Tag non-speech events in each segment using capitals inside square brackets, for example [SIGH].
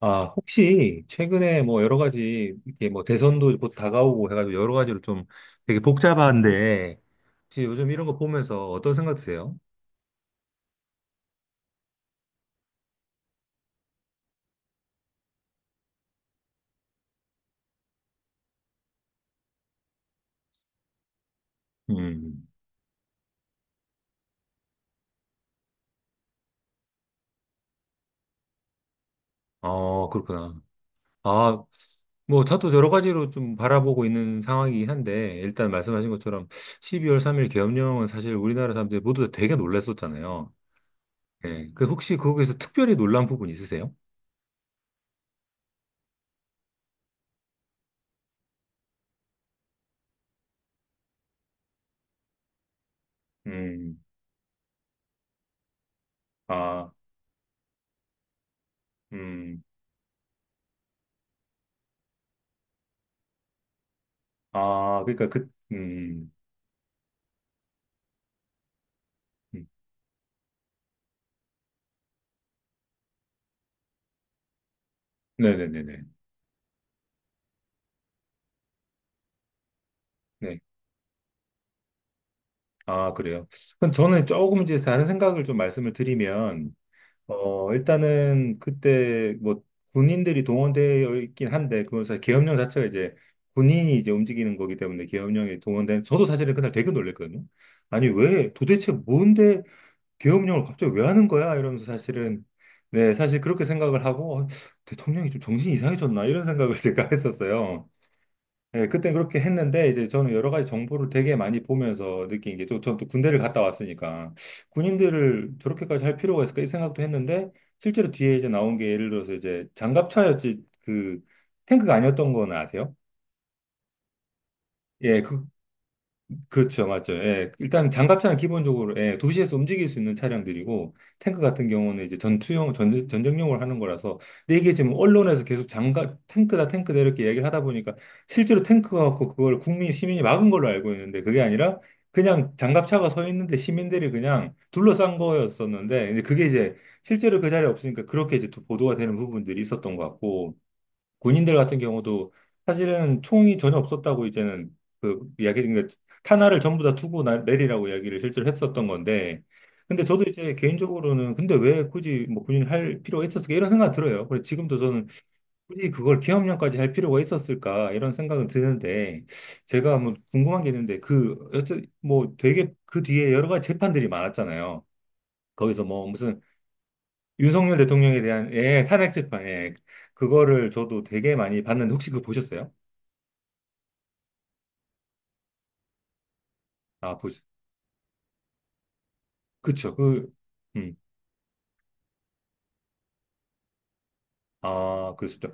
아, 혹시 최근에 뭐 여러 가지 이렇게 뭐 대선도 곧 다가오고 해가지고 여러 가지로 좀 되게 복잡한데 혹시 요즘 이런 거 보면서 어떤 생각 드세요? 음, 아, 그렇구나. 아, 뭐 저도 여러 가지로 좀 바라보고 있는 상황이긴 한데 일단 말씀하신 것처럼 12월 3일 계엄령은 사실 우리나라 사람들이 모두 다 되게 놀랐었잖아요. 예. 그 혹시 거기에서 특별히 놀란 부분 있으세요? 음, 아, 음, 아, 그러니까 그, 음. 네네네네. 네. 아, 그래요. 그럼 저는 조금 이제 다른 생각을 좀 말씀을 드리면, 어, 일단은 그때 뭐 군인들이 동원되어 있긴 한데, 그건 사실 계엄령 자체가 이제 군인이 이제 움직이는 거기 때문에 계엄령이 동원된, 저도 사실은 그날 되게 놀랬거든요. 아니, 왜, 도대체 뭔데 계엄령을 갑자기 왜 하는 거야? 이러면서 사실은, 네, 사실 그렇게 생각을 하고, 어, 대통령이 좀 정신이 이상해졌나? 이런 생각을 [LAUGHS] 제가 했었어요. 예, 그때 그렇게 했는데 이제 저는 여러 가지 정보를 되게 많이 보면서 느낀 게 또 저는 또 군대를 갔다 왔으니까 군인들을 저렇게까지 할 필요가 있을까 이 생각도 했는데 실제로 뒤에 이제 나온 게 예를 들어서 이제 장갑차였지 그 탱크가 아니었던 거는 아세요? 예, 그, 그렇죠, 맞죠. 예. 일단 장갑차는 기본적으로 예, 도시에서 움직일 수 있는 차량들이고 탱크 같은 경우는 이제 전투용 전쟁용을 하는 거라서 근데 이게 지금 언론에서 계속 장갑 탱크다 탱크다 이렇게 얘기를 하다 보니까 실제로 탱크가 갖고 그걸 국민 시민이 막은 걸로 알고 있는데 그게 아니라 그냥 장갑차가 서 있는데 시민들이 그냥 둘러싼 거였었는데 이제 그게 이제 실제로 그 자리에 없으니까 그렇게 이제 또 보도가 되는 부분들이 있었던 것 같고 군인들 같은 경우도 사실은 총이 전혀 없었다고 이제는 그 이야기, 그러니까 탄화를 전부 다 투고 내리라고 이야기를 실제로 했었던 건데, 근데 저도 이제 개인적으로는 근데 왜 굳이 뭐 군인을 할 필요가 있었을까 이런 생각 들어요. 그래 지금도 저는 굳이 그걸 기업령까지 할 필요가 있었을까 이런 생각은 드는데 제가 뭐 궁금한 게 있는데 그 여튼 뭐 되게 그 뒤에 여러 가지 재판들이 많았잖아요. 거기서 뭐 무슨 윤석열 대통령에 대한 예 탄핵 재판 예 그거를 저도 되게 많이 봤는데 혹시 그거 보셨어요? 아, 보, 그쵸. 그, 음. 아, 그렇죠.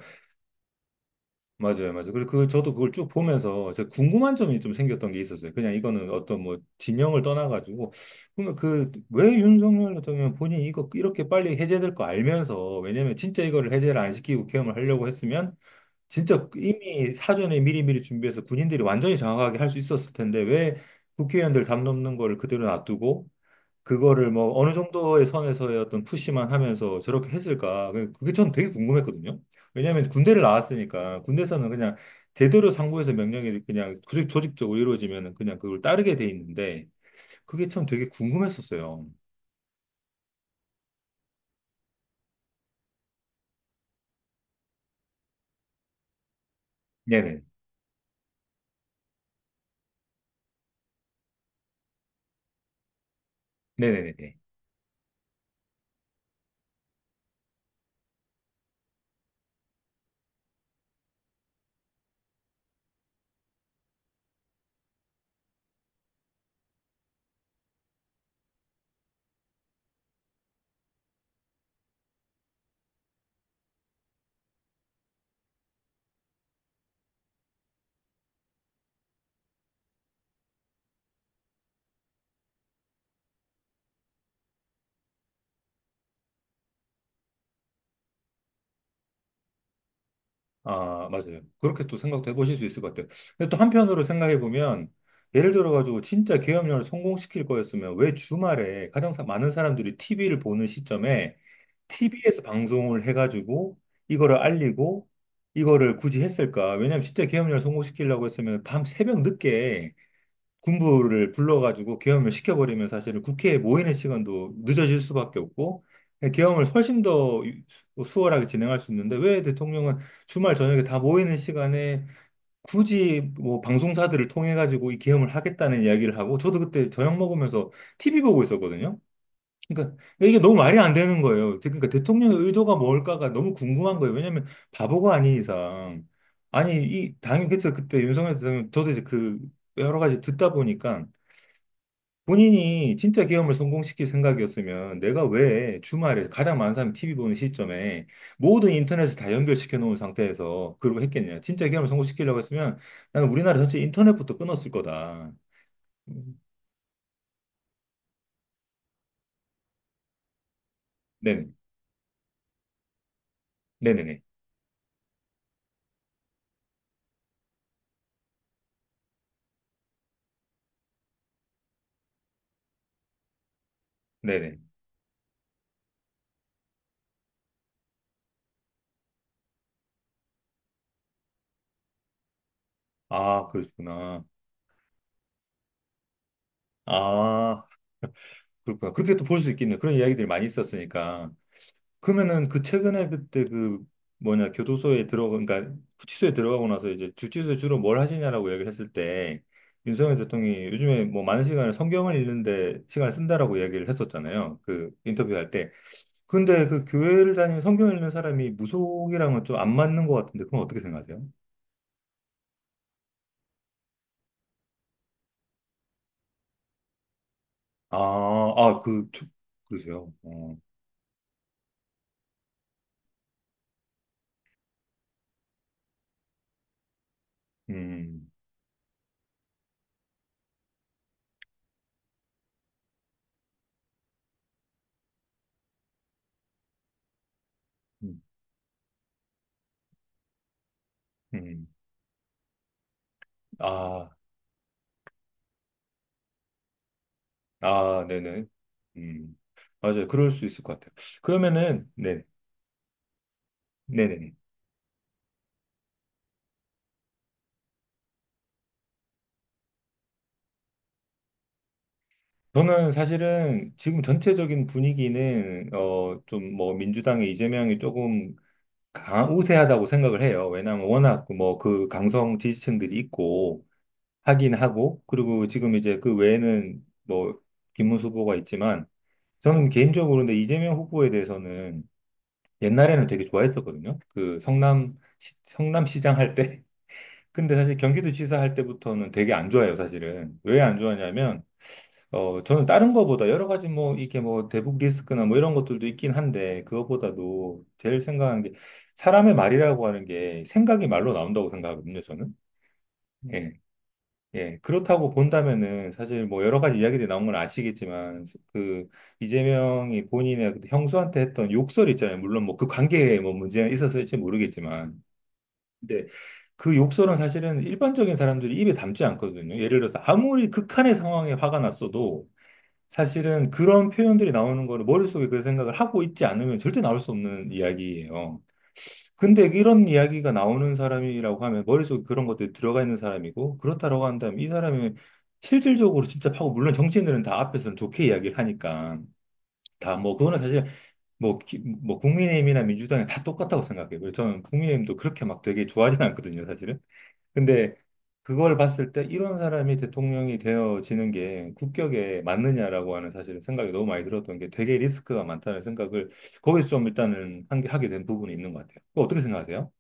맞아요, 맞아요. 그래서 그, 저도 그걸 쭉 보면서 제가 궁금한 점이 좀 생겼던 게 있었어요. 그냥 이거는 어떤 뭐 진영을 떠나가지고. 그러면 그, 왜 윤석열 대통령 본인이 이거 이렇게 빨리 해제될 거 알면서, 왜냐면 진짜 이거를 해제를 안 시키고 계엄을 하려고 했으면, 진짜 이미 사전에 미리미리 준비해서 군인들이 완전히 장악하게 할 수 있었을 텐데, 왜 국회의원들 담 넘는 거를 그대로 놔두고, 그거를 뭐 어느 정도의 선에서의 어떤 푸시만 하면서 저렇게 했을까? 그게 전 되게 궁금했거든요. 왜냐하면 군대를 나왔으니까 군대에서는 그냥 제대로 상부에서 명령이 그냥 조직적으로 이루어지면 그냥 그걸 따르게 돼 있는데 그게 참 되게 궁금했었어요. 네네. 네네네. 아, 맞아요. 그렇게 또 생각도 해보실 수 있을 것 같아요. 근데 또 한편으로 생각해보면 예를 들어가지고 진짜 계엄령을 성공시킬 거였으면 왜 주말에 가장 많은 사람들이 TV를 보는 시점에 TV에서 방송을 해가지고 이거를 알리고 이거를 굳이 했을까? 왜냐면 진짜 계엄령을 성공시키려고 했으면 밤 새벽 늦게 군부를 불러가지고 계엄을 시켜버리면 사실은 국회에 모이는 시간도 늦어질 수밖에 없고 계엄을 훨씬 더 수월하게 진행할 수 있는데 왜 대통령은 주말 저녁에 다 모이는 시간에 굳이 뭐 방송사들을 통해 가지고 이 계엄을 하겠다는 이야기를 하고 저도 그때 저녁 먹으면서 TV 보고 있었거든요. 그러니까 이게 너무 말이 안 되는 거예요. 그러니까 대통령의 의도가 뭘까가 너무 궁금한 거예요. 왜냐하면 바보가 아닌 이상 아니 이 당연히 그래서 그때 윤석열 대통령 저도 이제 그 여러 가지 듣다 보니까 본인이 진짜 계엄을 성공시킬 생각이었으면 내가 왜 주말에 가장 많은 사람이 TV 보는 시점에 모든 인터넷을 다 연결시켜 놓은 상태에서 그러고 했겠냐. 진짜 계엄을 성공시키려고 했으면 나는 우리나라 전체 인터넷부터 끊었을 거다. 음, 네네. 네네네. 네네. 아, 그러시구나. 아, 그럴까. 그렇게 또 볼 수 있겠네. 그런 이야기들이 많이 있었으니까. 그러면은 그 최근에 그때 그 뭐냐, 교도소에 들어가, 그러니까 구치소에 들어가고 나서 이제 주치소에 주로 뭘 하시냐라고 이야기를 했을 때 윤석열 대통령이 요즘에 뭐 많은 시간을 성경을 읽는데 시간을 쓴다라고 이야기를 했었잖아요. 그 인터뷰할 때. 근데 그 교회를 다니는 성경을 읽는 사람이 무속이랑은 좀 안 맞는 것 같은데 그건 어떻게 생각하세요? 아, 그, 그러세요. 어, 음, 음, 음. 아, 아, 네네. 음, 맞아요. 그럴 수 있을 것 같아요. 그러면은, 네, 네네네. 저는 사실은 지금 전체적인 분위기는, 어, 좀 뭐, 민주당의 이재명이 조금 우세하다고 생각을 해요. 왜냐하면 워낙 뭐, 그 강성 지지층들이 있고, 하긴 하고, 그리고 지금 이제 그 외에는 뭐, 김문수 후보가 있지만, 저는 개인적으로 근데 이재명 후보에 대해서는 옛날에는 되게 좋아했었거든요. 그 성남, 성남시장 할 때. 근데 사실 경기도지사 할 때부터는 되게 안 좋아요, 사실은. 왜 안 좋아하냐면, 어, 저는 다른 거보다 여러 가지 뭐, 이게 뭐, 대북 리스크나 뭐 이런 것들도 있긴 한데, 그거보다도 제일 생각하는 게, 사람의 말이라고 하는 게 생각이 말로 나온다고 생각하거든요, 저는. 예. 예. 그렇다고 본다면은, 사실 뭐, 여러 가지 이야기들이 나온 건 아시겠지만, 그, 이재명이 본인의 그 형수한테 했던 욕설 있잖아요. 물론 뭐, 그 관계에 뭐, 문제가 있었을지 모르겠지만. 근데 그 욕설은 사실은 일반적인 사람들이 입에 담지 않거든요. 예를 들어서 아무리 극한의 상황에 화가 났어도 사실은 그런 표현들이 나오는 거를 머릿속에 그 생각을 하고 있지 않으면 절대 나올 수 없는 이야기예요. 근데 이런 이야기가 나오는 사람이라고 하면 머릿속에 그런 것들이 들어가 있는 사람이고 그렇다라고 한다면 이 사람이 실질적으로 진짜 하고 물론 정치인들은 다 앞에서는 좋게 이야기를 하니까 다 뭐 그거는 사실 뭐, 뭐 국민의힘이나 민주당이 다 똑같다고 생각해요. 그래서 저는 국민의힘도 그렇게 막 되게 좋아하진 않거든요, 사실은. 근데 그걸 봤을 때 이런 사람이 대통령이 되어지는 게 국격에 맞느냐라고 하는 사실은 생각이 너무 많이 들었던 게 되게 리스크가 많다는 생각을 거기서 좀 일단은 한 게 하게 된 부분이 있는 것 같아요. 그거 어떻게 생각하세요?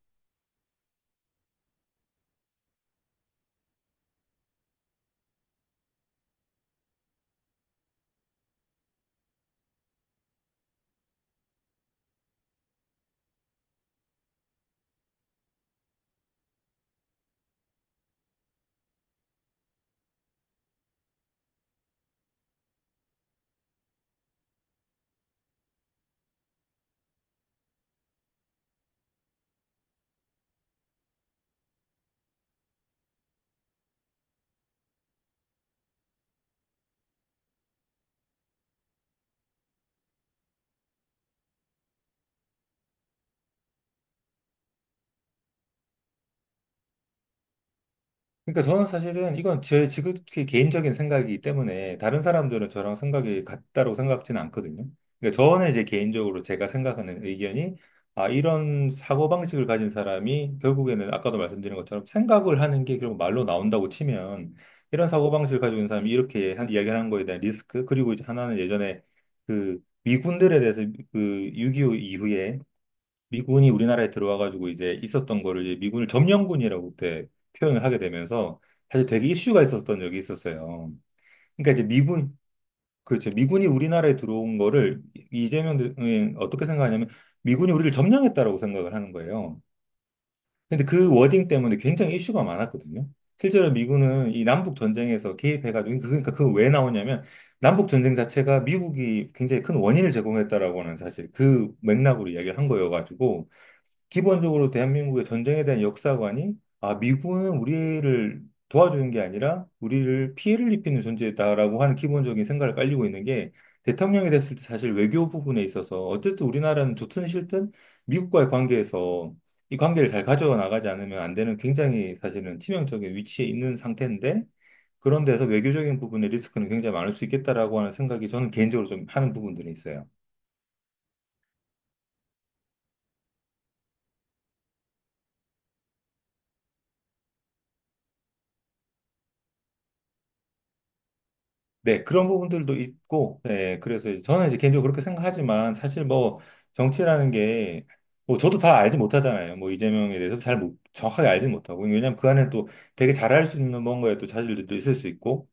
그러니까 저는 사실은 이건 제 지극히 개인적인 생각이기 때문에 다른 사람들은 저랑 생각이 같다고 생각지는 않거든요. 그러니까 저는 이제 개인적으로 제가 생각하는 의견이 아, 이런 사고방식을 가진 사람이 결국에는 아까도 말씀드린 것처럼 생각을 하는 게 결국 말로 나온다고 치면 이런 사고방식을 가지고 있는 사람이 이렇게 이야기를 한 거에 대한 리스크 그리고 이제 하나는 예전에 그 미군들에 대해서 그6.25 이후에 미군이 우리나라에 들어와가지고 이제 있었던 거를 이제 미군을 점령군이라고 그때 표현을 하게 되면서 사실 되게 이슈가 있었던 적이 있었어요. 그러니까 이제 미군, 그렇죠. 미군이 우리나라에 들어온 거를 이재명 대통령이 어떻게 생각하냐면 미군이 우리를 점령했다라고 생각을 하는 거예요. 근데 그 워딩 때문에 굉장히 이슈가 많았거든요. 실제로 미군은 이 남북 전쟁에서 개입해가지고 그러니까 그거 왜 나오냐면 남북 전쟁 자체가 미국이 굉장히 큰 원인을 제공했다라고 하는 사실 그 맥락으로 이야기를 한 거여가지고 기본적으로 대한민국의 전쟁에 대한 역사관이 아, 미군은 우리를 도와주는 게 아니라 우리를 피해를 입히는 존재다라고 하는 기본적인 생각을 깔리고 있는 게 대통령이 됐을 때 사실 외교 부분에 있어서 어쨌든 우리나라는 좋든 싫든 미국과의 관계에서 이 관계를 잘 가져나가지 않으면 안 되는 굉장히 사실은 치명적인 위치에 있는 상태인데 그런 데서 외교적인 부분의 리스크는 굉장히 많을 수 있겠다라고 하는 생각이 저는 개인적으로 좀 하는 부분들이 있어요. 네, 그런 부분들도 있고, 네 그래서 이제 저는 이제 개인적으로 그렇게 생각하지만, 사실 뭐, 정치라는 게, 뭐, 저도 다 알지 못하잖아요. 뭐, 이재명에 대해서 잘 정확하게 알지 못하고, 왜냐면 그 안에 또 되게 잘할 수 있는 뭔가에 또 자질들도 있을 수 있고,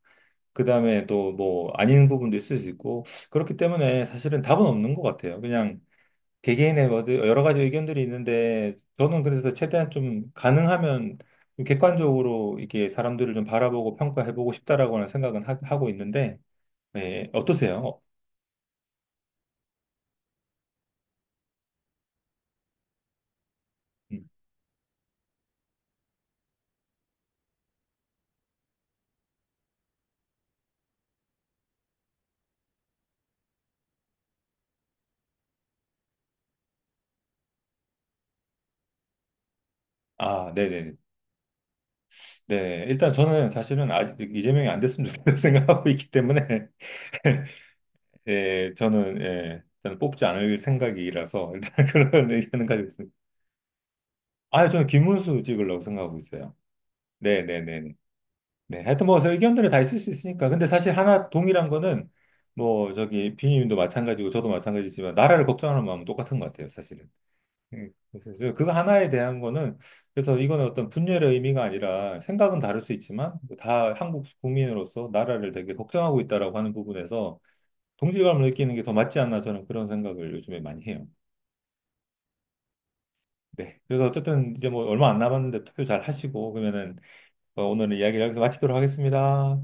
그 다음에 또 뭐, 아닌 부분도 있을 수 있고, 그렇기 때문에 사실은 답은 없는 것 같아요. 그냥 개개인의 뭐 여러 가지 의견들이 있는데, 저는 그래서 최대한 좀 가능하면 좀 객관적으로 이게 사람들을 좀 바라보고 평가해보고 싶다라고는 생각은 하고 있는데, 네, 어떠세요? 어, 음. 아, 네네. 네, 일단 저는 사실은 아직 이재명이 안 됐으면 좋겠다고 [LAUGHS] 생각하고 있기 때문에, [LAUGHS] 예, 저는, 예, 일단 뽑지 않을 생각이라서, 일단 [LAUGHS] 그런 의견은 가지고 있습니다. 아, 저는 김문수 찍으려고 생각하고 있어요. 네네네. 네, 네, 네. 네, 하여튼 뭐, 의견들이 다 있을 수 있으니까. 근데 사실 하나 동일한 거는, 뭐, 저기, 비님도 마찬가지고, 저도 마찬가지지만, 나라를 걱정하는 마음은 똑같은 것 같아요, 사실은. 그래서 이제 그거 하나에 대한 거는 그래서 이거는 어떤 분열의 의미가 아니라 생각은 다를 수 있지만 뭐 다 한국 국민으로서 나라를 되게 걱정하고 있다라고 하는 부분에서 동질감을 느끼는 게 더 맞지 않나 저는 그런 생각을 요즘에 많이 해요. 네. 그래서 어쨌든 이제 뭐 얼마 안 남았는데 투표 잘 하시고 그러면은 어, 오늘은 이야기를 여기서 마치도록 하겠습니다.